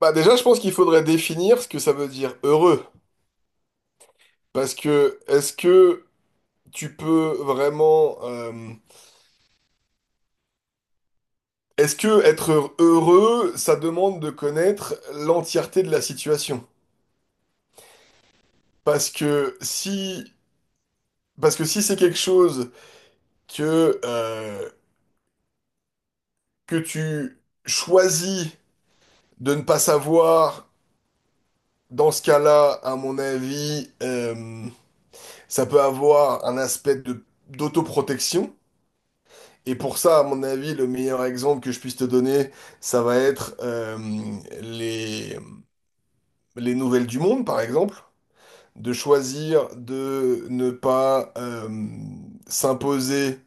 Bah déjà, je pense qu'il faudrait définir ce que ça veut dire heureux. Parce que est-ce que tu peux vraiment... est-ce que être heureux, ça demande de connaître l'entièreté de la situation? Parce que si, parce que si c'est quelque chose que, euh, que tu choisis de ne pas savoir, dans ce cas-là, à mon avis, ça peut avoir un aspect de, d'autoprotection. Et pour ça, à mon avis, le meilleur exemple que je puisse te donner, ça va être les, les nouvelles du monde, par exemple, de choisir de ne pas s'imposer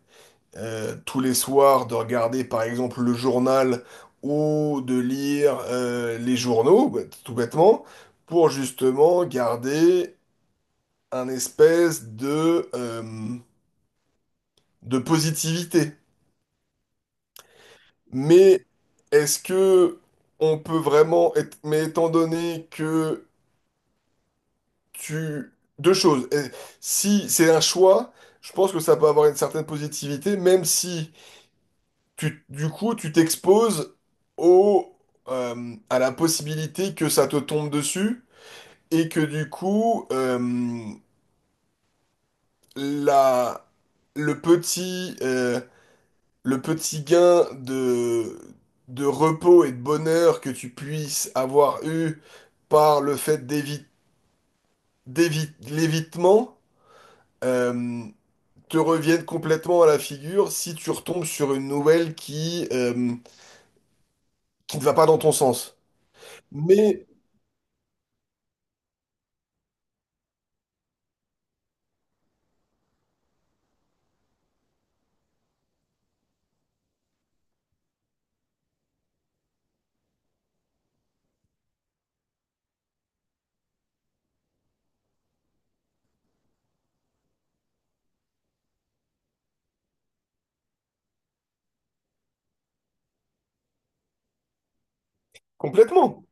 tous les soirs, de regarder, par exemple, le journal ou de lire les journaux, bah, tout bêtement, pour justement garder un espèce de positivité. Mais est-ce que on peut vraiment être... Mais étant donné que tu... Deux choses. Si c'est un choix, je pense que ça peut avoir une certaine positivité, même si du coup, tu t'exposes au, à la possibilité que ça te tombe dessus et que du coup, la, le petit, euh, le petit gain de repos et de bonheur que tu puisses avoir eu par le fait l'évitement euh, te reviennent complètement à la figure si tu retombes sur une nouvelle qui ne va pas dans ton sens. Mais complètement,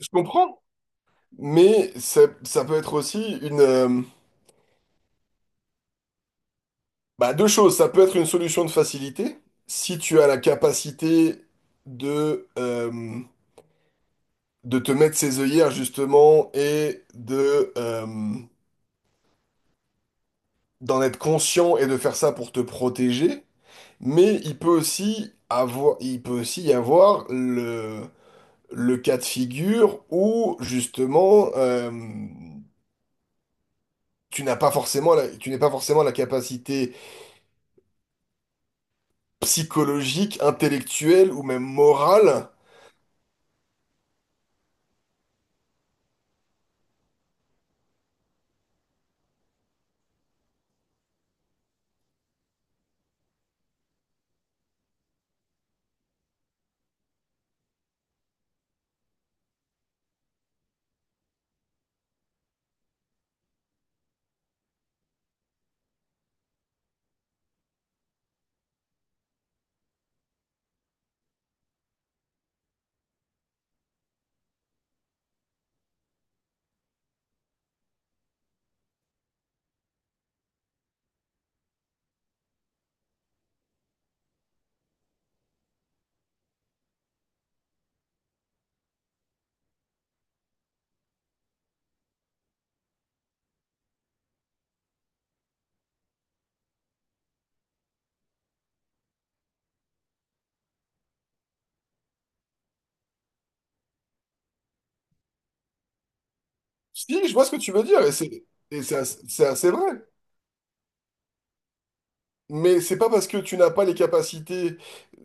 je comprends. Mais ça peut être aussi une... bah, deux choses. Ça peut être une solution de facilité si tu as la capacité de... euh, de te mettre ses œillères justement et de d'en être conscient et de faire ça pour te protéger. Mais il peut aussi avoir, il peut aussi y avoir le cas de figure où justement tu n'es pas forcément la capacité psychologique, intellectuelle ou même morale. Si, je vois ce que tu veux dire et c'est c'est assez vrai. Mais c'est pas parce que tu n'as pas les capacités,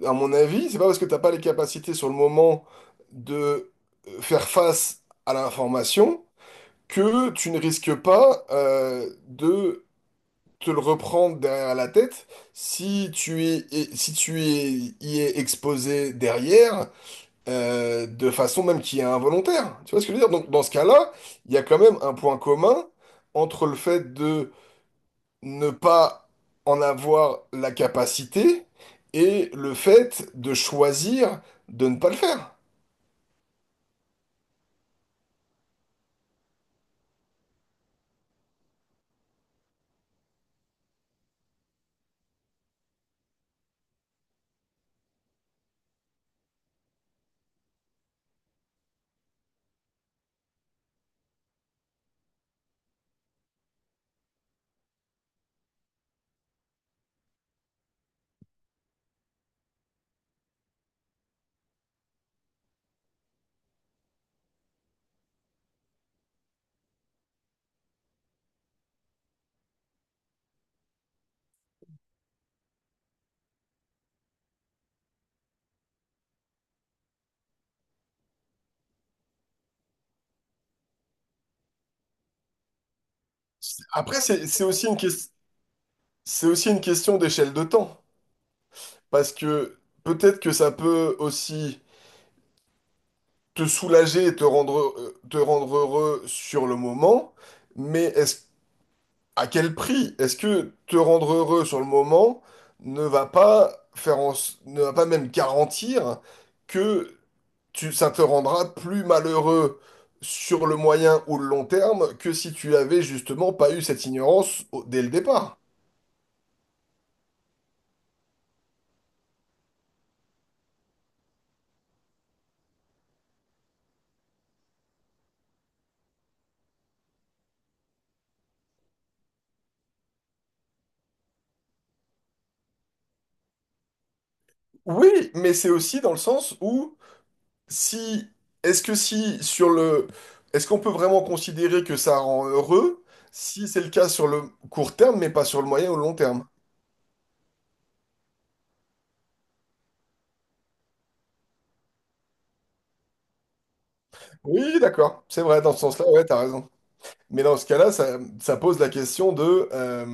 à mon avis, c'est pas parce que tu n'as pas les capacités sur le moment de faire face à l'information que tu ne risques pas de te le reprendre derrière la tête si y es exposé derrière, de façon même qui est involontaire. Tu vois ce que je veux dire? Donc dans ce cas-là, il y a quand même un point commun entre le fait de ne pas en avoir la capacité et le fait de choisir de ne pas le faire. Après, c'est aussi une c'est aussi une question d'échelle de temps. Parce que peut-être que ça peut aussi te soulager et te te rendre heureux sur le moment, mais à quel prix? Est-ce que te rendre heureux sur le moment ne va pas même garantir que ça te rendra plus malheureux sur le moyen ou le long terme que si tu avais justement pas eu cette ignorance dès le départ? Oui, mais c'est aussi dans le sens où Si, est-ce que si sur le, est-ce qu'on peut vraiment considérer que ça rend heureux si c'est le cas sur le court terme, mais pas sur le moyen ou le long terme? Oui, d'accord, c'est vrai, dans ce sens-là, ouais, t'as raison. Mais dans ce cas-là, ça pose la question de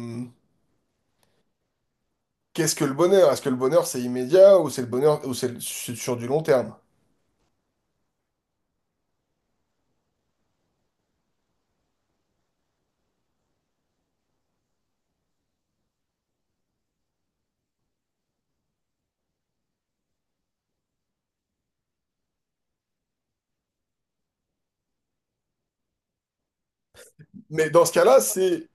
qu'est-ce que le bonheur? Est-ce que le bonheur c'est immédiat ou c'est sur du long terme? Mais dans ce cas-là,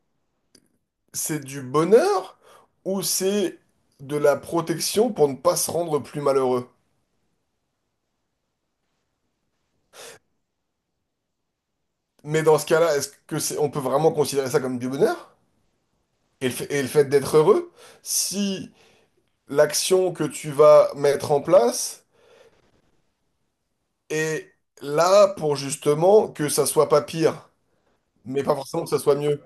c'est du bonheur ou c'est de la protection pour ne pas se rendre plus malheureux? Mais dans ce cas-là, on peut vraiment considérer ça comme du bonheur? Et le fait d'être heureux, si l'action que tu vas mettre en place est là pour justement que ça soit pas pire, mais pas forcément que ça soit mieux.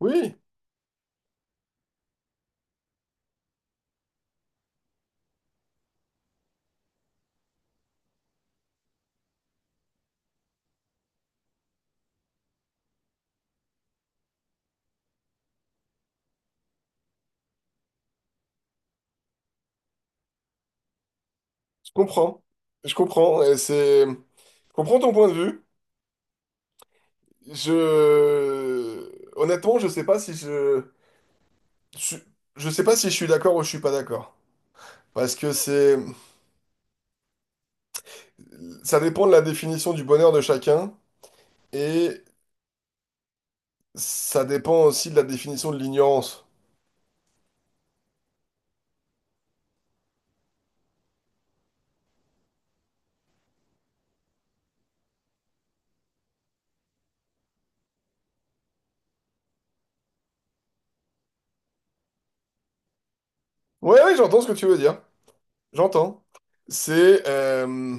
Oui, je comprends. Je comprends. Et c'est... Je comprends ton point de vue. Je... Honnêtement, je sais pas si je... Je je sais pas si je suis d'accord ou je suis pas d'accord. Parce que c'est... Ça dépend de la définition du bonheur de chacun et ça dépend aussi de la définition de l'ignorance. Ouais, ouais, j'entends ce que tu veux dire. J'entends. C'est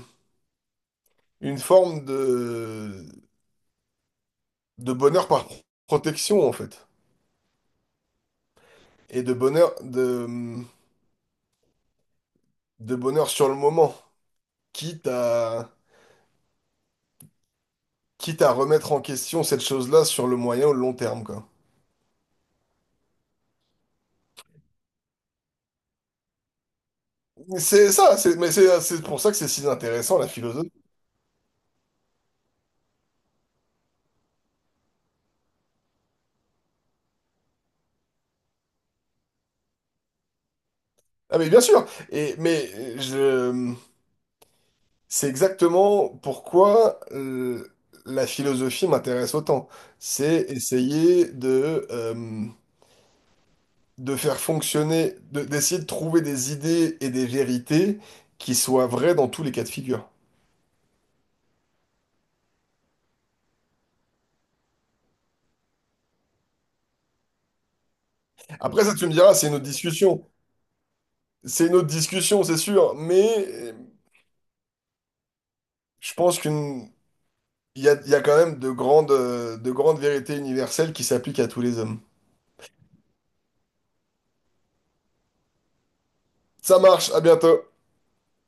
une forme de bonheur par protection, en fait. Et de de bonheur sur le moment, quitte à, quitte à remettre en question cette chose-là sur le moyen ou le long terme, quoi. C'est ça, mais c'est pour ça que c'est si intéressant, la philosophie. Ah, mais bien sûr! Et, mais je, c'est exactement pourquoi la philosophie m'intéresse autant. C'est essayer de faire fonctionner, d'essayer de trouver des idées et des vérités qui soient vraies dans tous les cas de figure. Après, ça, tu me diras, c'est une autre discussion. C'est une autre discussion, c'est sûr, mais je pense qu'une, il y a quand même de grandes vérités universelles qui s'appliquent à tous les hommes. Ça marche, à bientôt.